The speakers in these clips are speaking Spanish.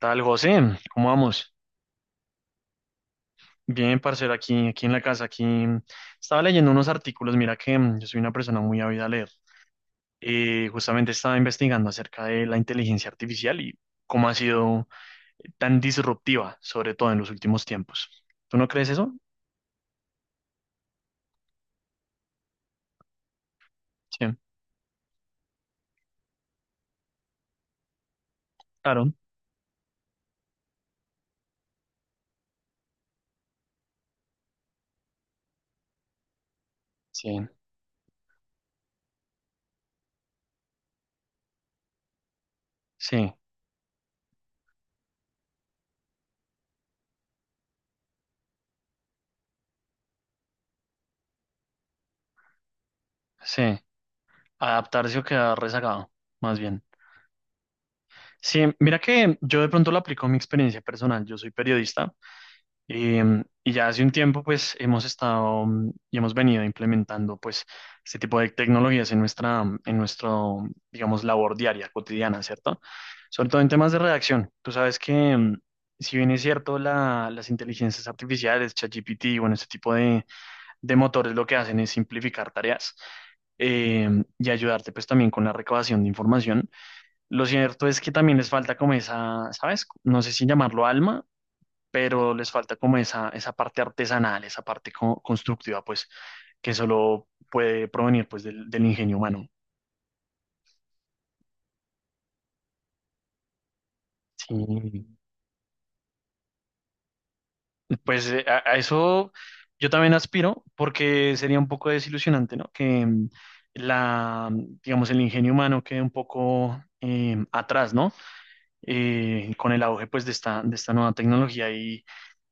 Tal, José, ¿cómo vamos? Bien, parcero, aquí, aquí en la casa, aquí estaba leyendo unos artículos, mira que yo soy una persona muy ávida a leer. Justamente estaba investigando acerca de la inteligencia artificial y cómo ha sido tan disruptiva, sobre todo en los últimos tiempos. ¿Tú no crees eso? Sí, claro. Sí, sí, sí. Adaptarse o quedar rezagado, más bien. Sí, mira que yo de pronto lo aplico a mi experiencia personal. Yo soy periodista. Y ya hace un tiempo, pues, hemos estado y hemos venido implementando, pues, este tipo de tecnologías en en nuestro, digamos, labor diaria, cotidiana, ¿cierto? Sobre todo en temas de redacción. Tú sabes que, si bien es cierto, las inteligencias artificiales, ChatGPT, bueno, este tipo de motores lo que hacen es simplificar tareas y ayudarte, pues, también con la recabación de información. Lo cierto es que también les falta como esa, ¿sabes? No sé si llamarlo alma, pero les falta como esa parte artesanal, esa parte constructiva, pues, que solo puede provenir, pues, del ingenio humano. Sí. Pues a eso yo también aspiro, porque sería un poco desilusionante, ¿no? Que la, digamos, el ingenio humano quede un poco atrás, ¿no? Con el auge, pues, de esta nueva tecnología. Y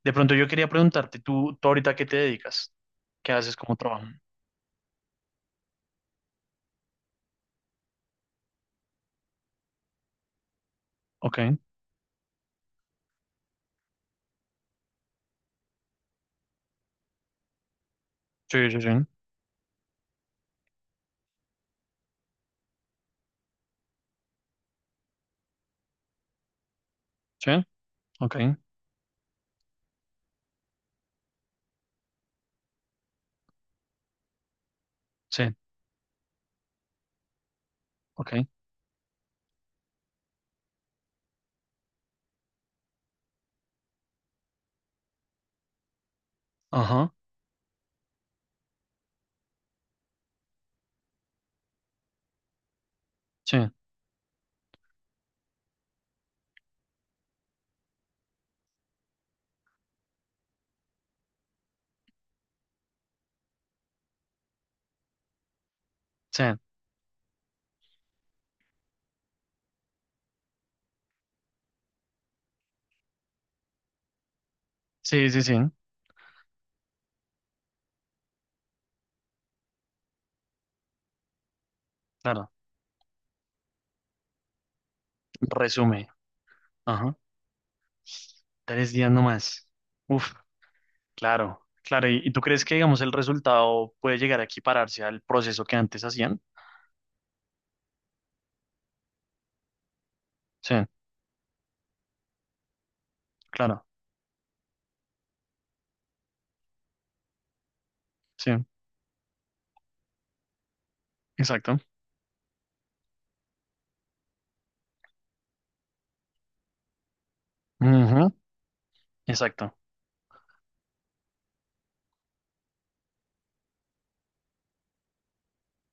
de pronto yo quería preguntarte, ¿tú ahorita qué te dedicas? ¿Qué haces como trabajo? Ok. Sí, sí, sí. Sí, ok. Sí. Ok. Ajá. Sí, sí, sí, sí, sí. Claro. Resume. Ajá. 3 días nomás. Uf, claro, claro. ¿Y tú crees que, digamos, el resultado puede llegar a equipararse al proceso que antes hacían? Sí, claro. Sí, exacto. Ujú, exacto,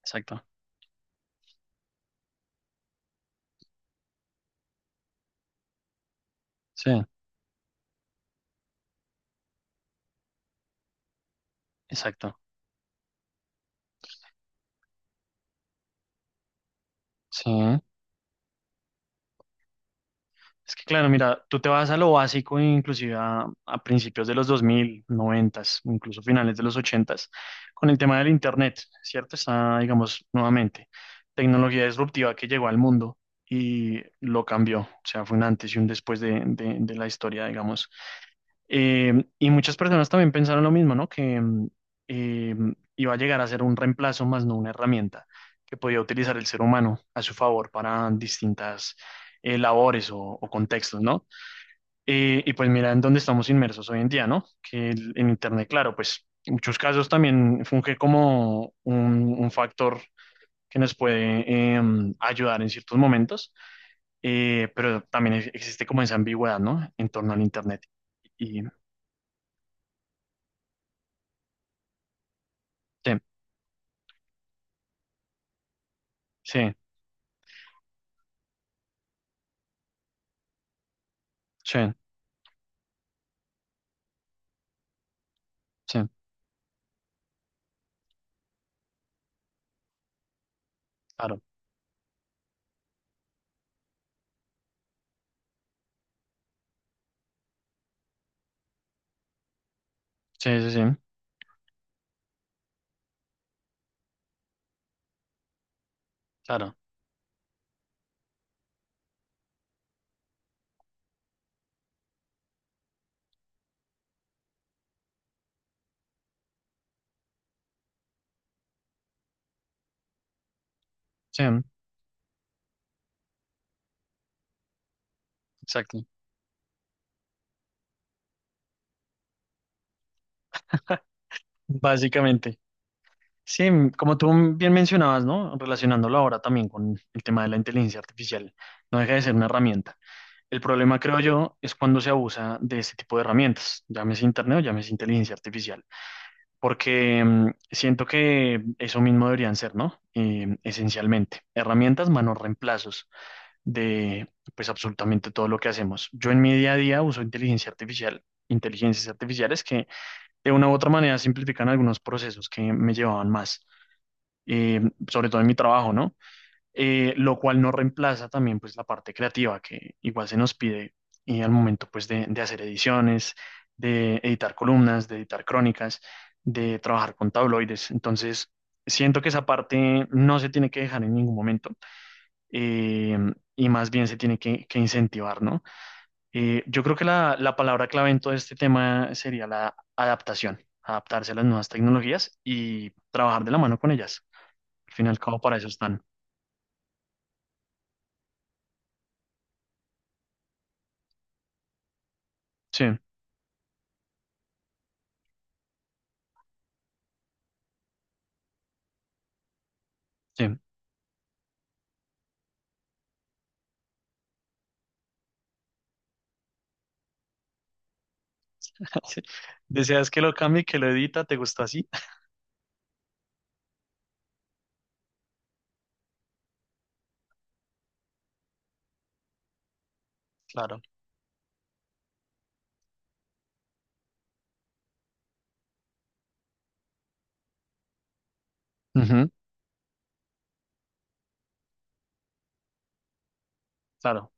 exacto. Sí, exacto. Sí. Es que claro, mira, tú te vas a lo básico, inclusive a principios de los 2000, 90, incluso finales de los 80, con el tema del Internet, ¿cierto? Está, digamos, nuevamente, tecnología disruptiva que llegó al mundo y lo cambió. O sea, fue un antes y un después de la historia, digamos, y muchas personas también pensaron lo mismo, ¿no? Que eh, iba a llegar a ser un reemplazo más no una herramienta que podía utilizar el ser humano a su favor para distintas labores o contextos, ¿no? Y pues mira en dónde estamos inmersos hoy en día, ¿no? Que en Internet, claro, pues en muchos casos también funge como un factor que nos puede eh, ayudar en ciertos momentos, pero también existe como esa ambigüedad, ¿no? En torno al Internet. Y, sí, sí. Sí, sí, claro. Sí, sí, sí, claro. Sí, exacto. Básicamente. Sí, como tú bien mencionabas, ¿no? Relacionándolo ahora también con el tema de la inteligencia artificial, no deja de ser una herramienta. El problema, creo yo, es cuando se abusa de ese tipo de herramientas, llámese internet o llámese inteligencia artificial, porque siento que eso mismo deberían ser, ¿no? Esencialmente, herramientas, manos reemplazos de pues absolutamente todo lo que hacemos. Yo en mi día a día uso inteligencia artificial, inteligencias artificiales que de una u otra manera simplifican algunos procesos que me llevaban más, eh, sobre todo en mi trabajo, ¿no? Lo cual no reemplaza también pues la parte creativa que igual se nos pide y al momento pues de hacer ediciones, de editar columnas, de editar crónicas, de trabajar con tabloides. Entonces, siento que esa parte no se tiene que dejar en ningún momento eh, y más bien se tiene que incentivar, ¿no? Yo creo que la palabra clave en todo este tema sería la adaptación, adaptarse a las nuevas tecnologías y trabajar de la mano con ellas. Al fin y al cabo, para eso están. Sí, sí. Sí. ¿Deseas que lo cambie, que lo edita? ¿Te gustó así? Claro. Ujú, claro,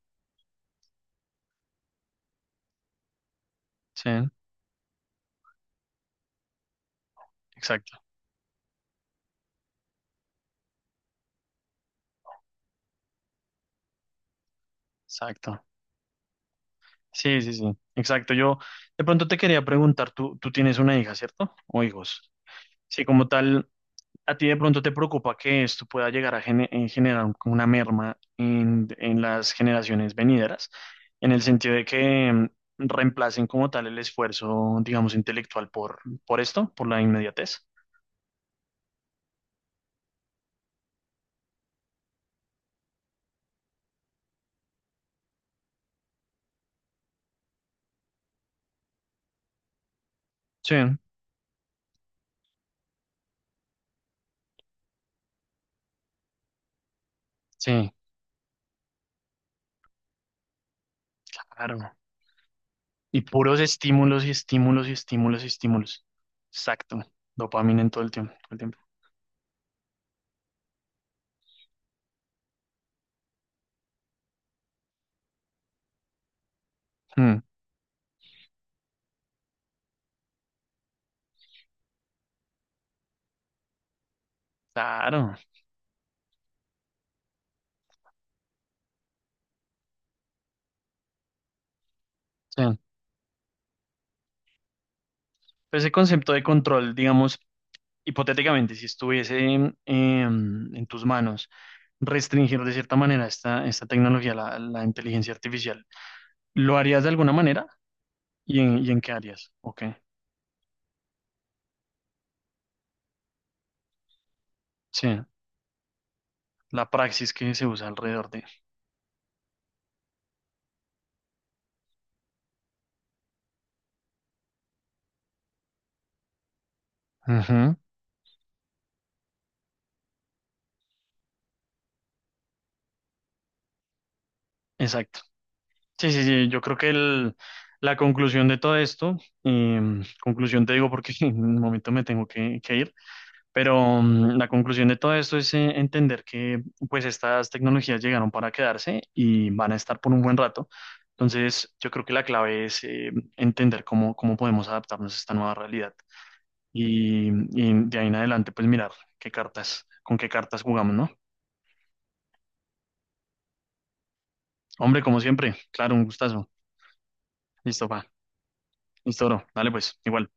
sí, exacto, exacto. Sí, sí, sí, exacto. Yo de pronto te quería preguntar, tú tienes una hija, ¿cierto? O hijos. Sí, como tal. ¿A ti de pronto te preocupa que esto pueda llegar a generar como una merma en las generaciones venideras? En el sentido de que reemplacen como tal el esfuerzo, digamos, intelectual por, esto, por la inmediatez. Sí, sí, claro. Y puros estímulos y estímulos y estímulos y estímulos. Exacto. Dopamina en todo el tiempo. Todo el tiempo. Mm, claro. Sí. Pues ese concepto de control, digamos, hipotéticamente, si estuviese en tus manos restringir de cierta manera esta tecnología, la inteligencia artificial, ¿lo harías de alguna manera? ¿Y en qué áreas? Ok, sí, la praxis que se usa alrededor de. Ujú, exacto. Sí, sí, sí, yo creo que la conclusión de todo esto, conclusión te digo porque en un momento me tengo que ir. Pero la conclusión de todo esto es entender que pues estas tecnologías llegaron para quedarse y van a estar por un buen rato. Entonces, yo creo que la clave es entender cómo podemos adaptarnos a esta nueva realidad y de ahí en adelante pues mirar qué cartas, con qué cartas jugamos, ¿no? Hombre, como siempre, claro, un gustazo. Listo, va. Listo, bro. Dale pues, igual.